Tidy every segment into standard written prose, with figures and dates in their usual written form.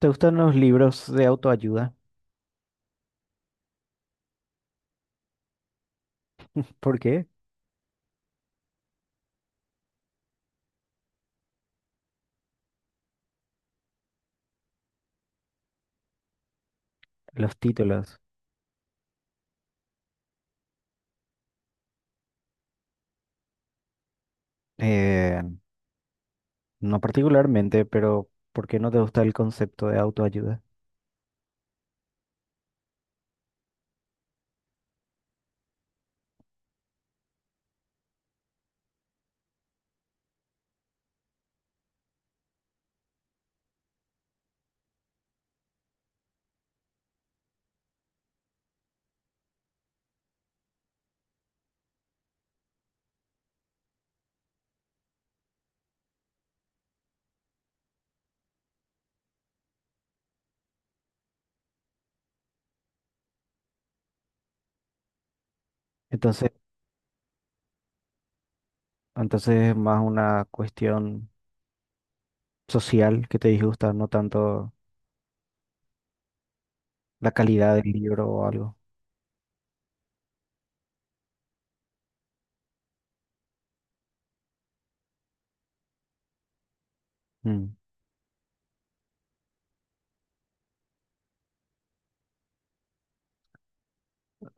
¿Te gustan los libros de autoayuda? ¿Por qué? Los títulos. Eh, no particularmente, pero ¿por qué no te gusta el concepto de autoayuda? Entonces, entonces es más una cuestión social que te disgusta, no tanto la calidad del libro o algo. Mm.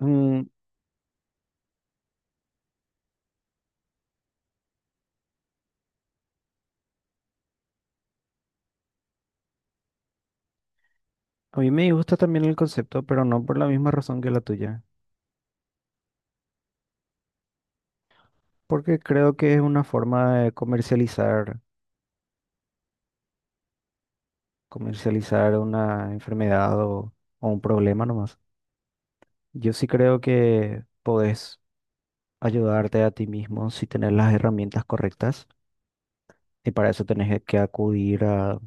Mm, a mí me gusta también el concepto, pero no por la misma razón que la tuya, porque creo que es una forma de comercializar, comercializar una enfermedad o un problema nomás. Yo sí creo que podés ayudarte a ti mismo si tenés las herramientas correctas y para eso tenés que acudir a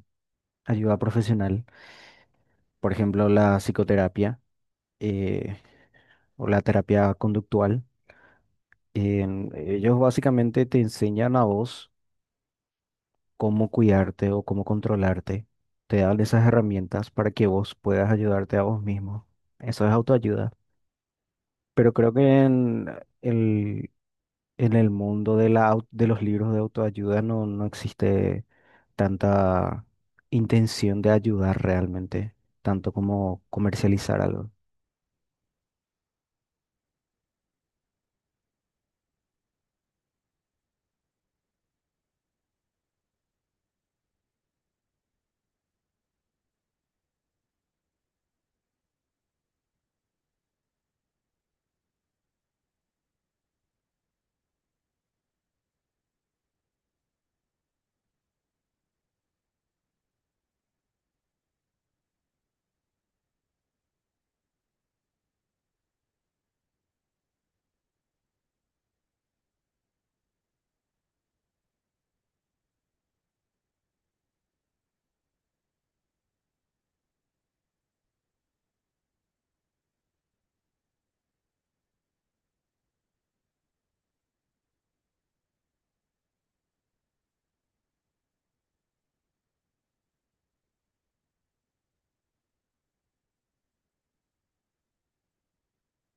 ayuda profesional, por ejemplo, la psicoterapia eh, o la terapia conductual. Ellos básicamente te enseñan a vos cómo cuidarte o cómo controlarte. Te dan esas herramientas para que vos puedas ayudarte a vos mismo. Eso es autoayuda. Pero creo que en el mundo de de los libros de autoayuda no existe tanta intención de ayudar realmente, tanto como comercializar algo.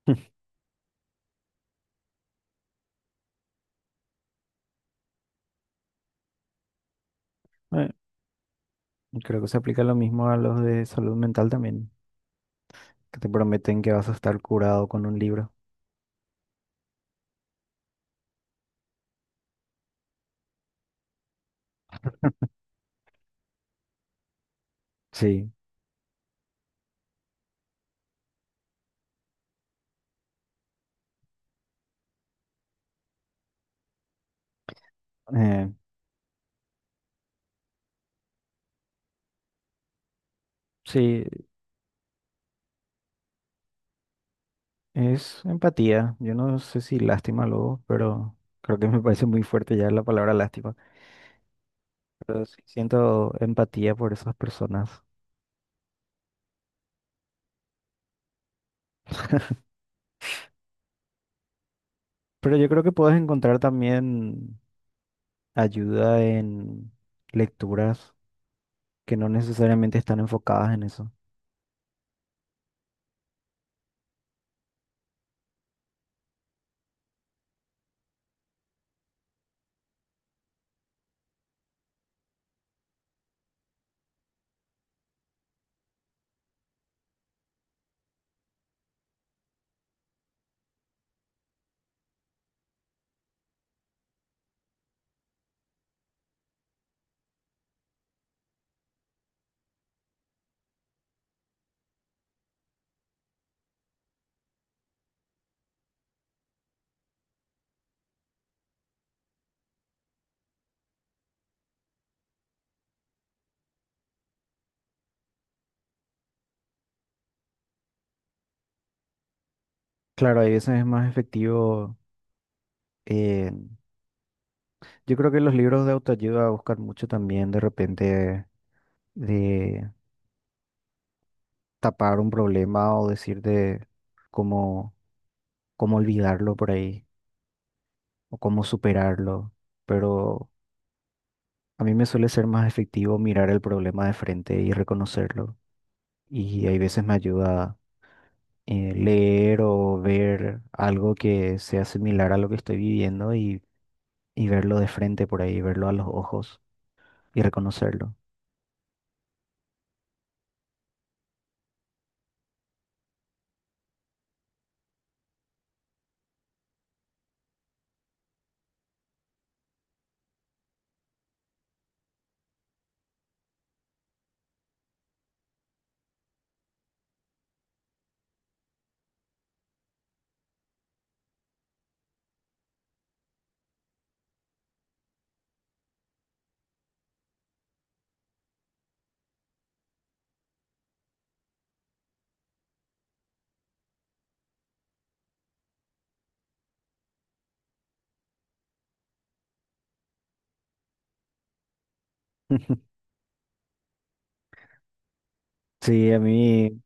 Eh, Creo que se aplica lo mismo a los de salud mental también, que te prometen que vas a estar curado con un libro. Sí, eh, sí, es empatía. Yo no sé si lástima luego, pero creo que me parece muy fuerte ya la palabra lástima. Pero sí siento empatía por esas personas. Pero yo creo que puedes encontrar también ayuda en lecturas que no necesariamente están enfocadas en eso. Claro, a veces es más efectivo. eh, yo creo que los libros de autoayuda buscan mucho también de repente de tapar un problema o decirte cómo, cómo olvidarlo por ahí o cómo superarlo. Pero a mí me suele ser más efectivo mirar el problema de frente y reconocerlo. Y hay veces me ayuda leer o ver algo que sea similar a lo que estoy viviendo y verlo de frente por ahí, verlo a los ojos y reconocerlo. Sí,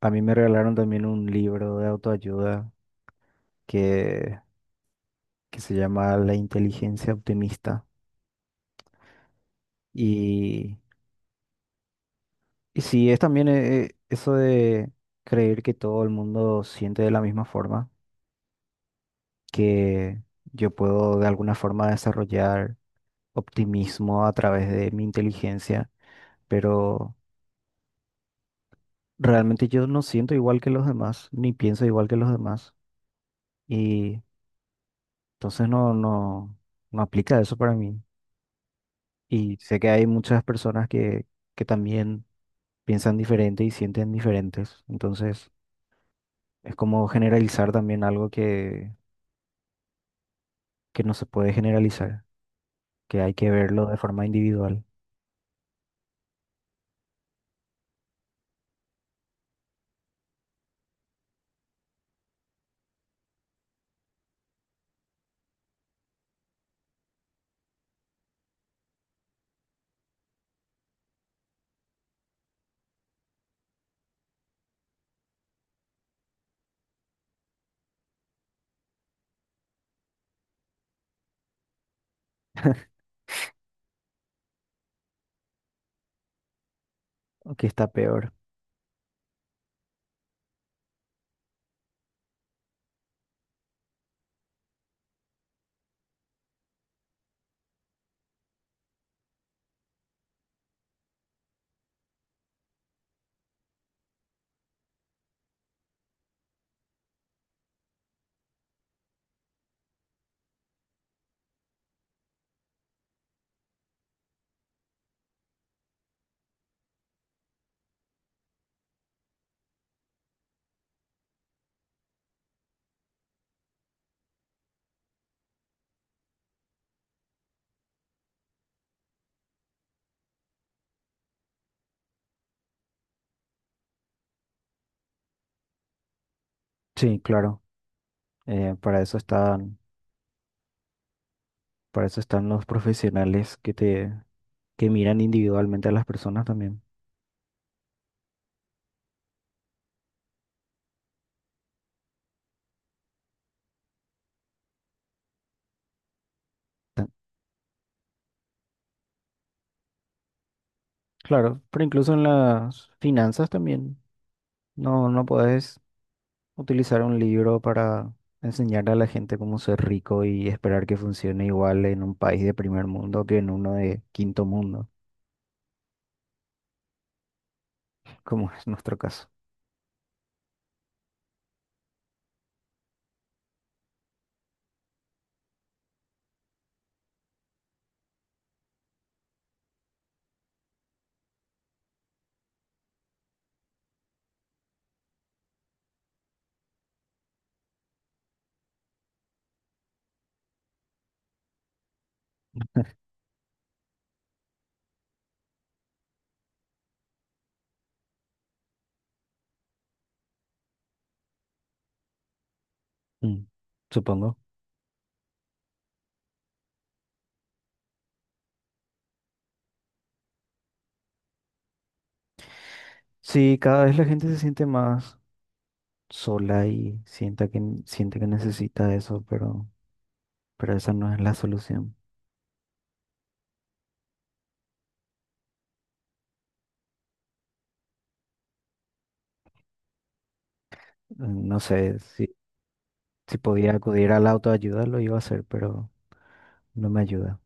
a mí me regalaron también un libro de autoayuda que, que se llama La inteligencia optimista. Y, y sí, es también eso de creer que todo el mundo siente de la misma forma, que yo puedo de alguna forma desarrollar optimismo a través de mi inteligencia pero realmente yo no siento igual que los demás, ni pienso igual que los demás, y entonces no aplica eso para mí. Y sé que hay muchas personas que también piensan diferente y sienten diferentes, entonces es como generalizar también algo que no se puede generalizar, que hay que verlo de forma individual, o que está peor. Sí, claro, eh, para eso están, para eso están los profesionales que te, que miran individualmente a las personas también. Claro, pero incluso en las finanzas también. No podés utilizar un libro para enseñarle a la gente cómo ser rico y esperar que funcione igual en un país de primer mundo que en uno de quinto mundo, como es nuestro caso. Mm, supongo. Sí, cada vez la gente se siente más sola y sienta siente que necesita eso, pero esa no es la solución. No sé, si podía acudir a la autoayuda lo iba a hacer, pero no me ayuda.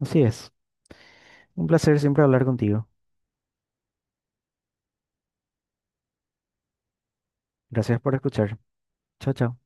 Así es. Un placer siempre hablar contigo. Gracias por escuchar. Chao, chao.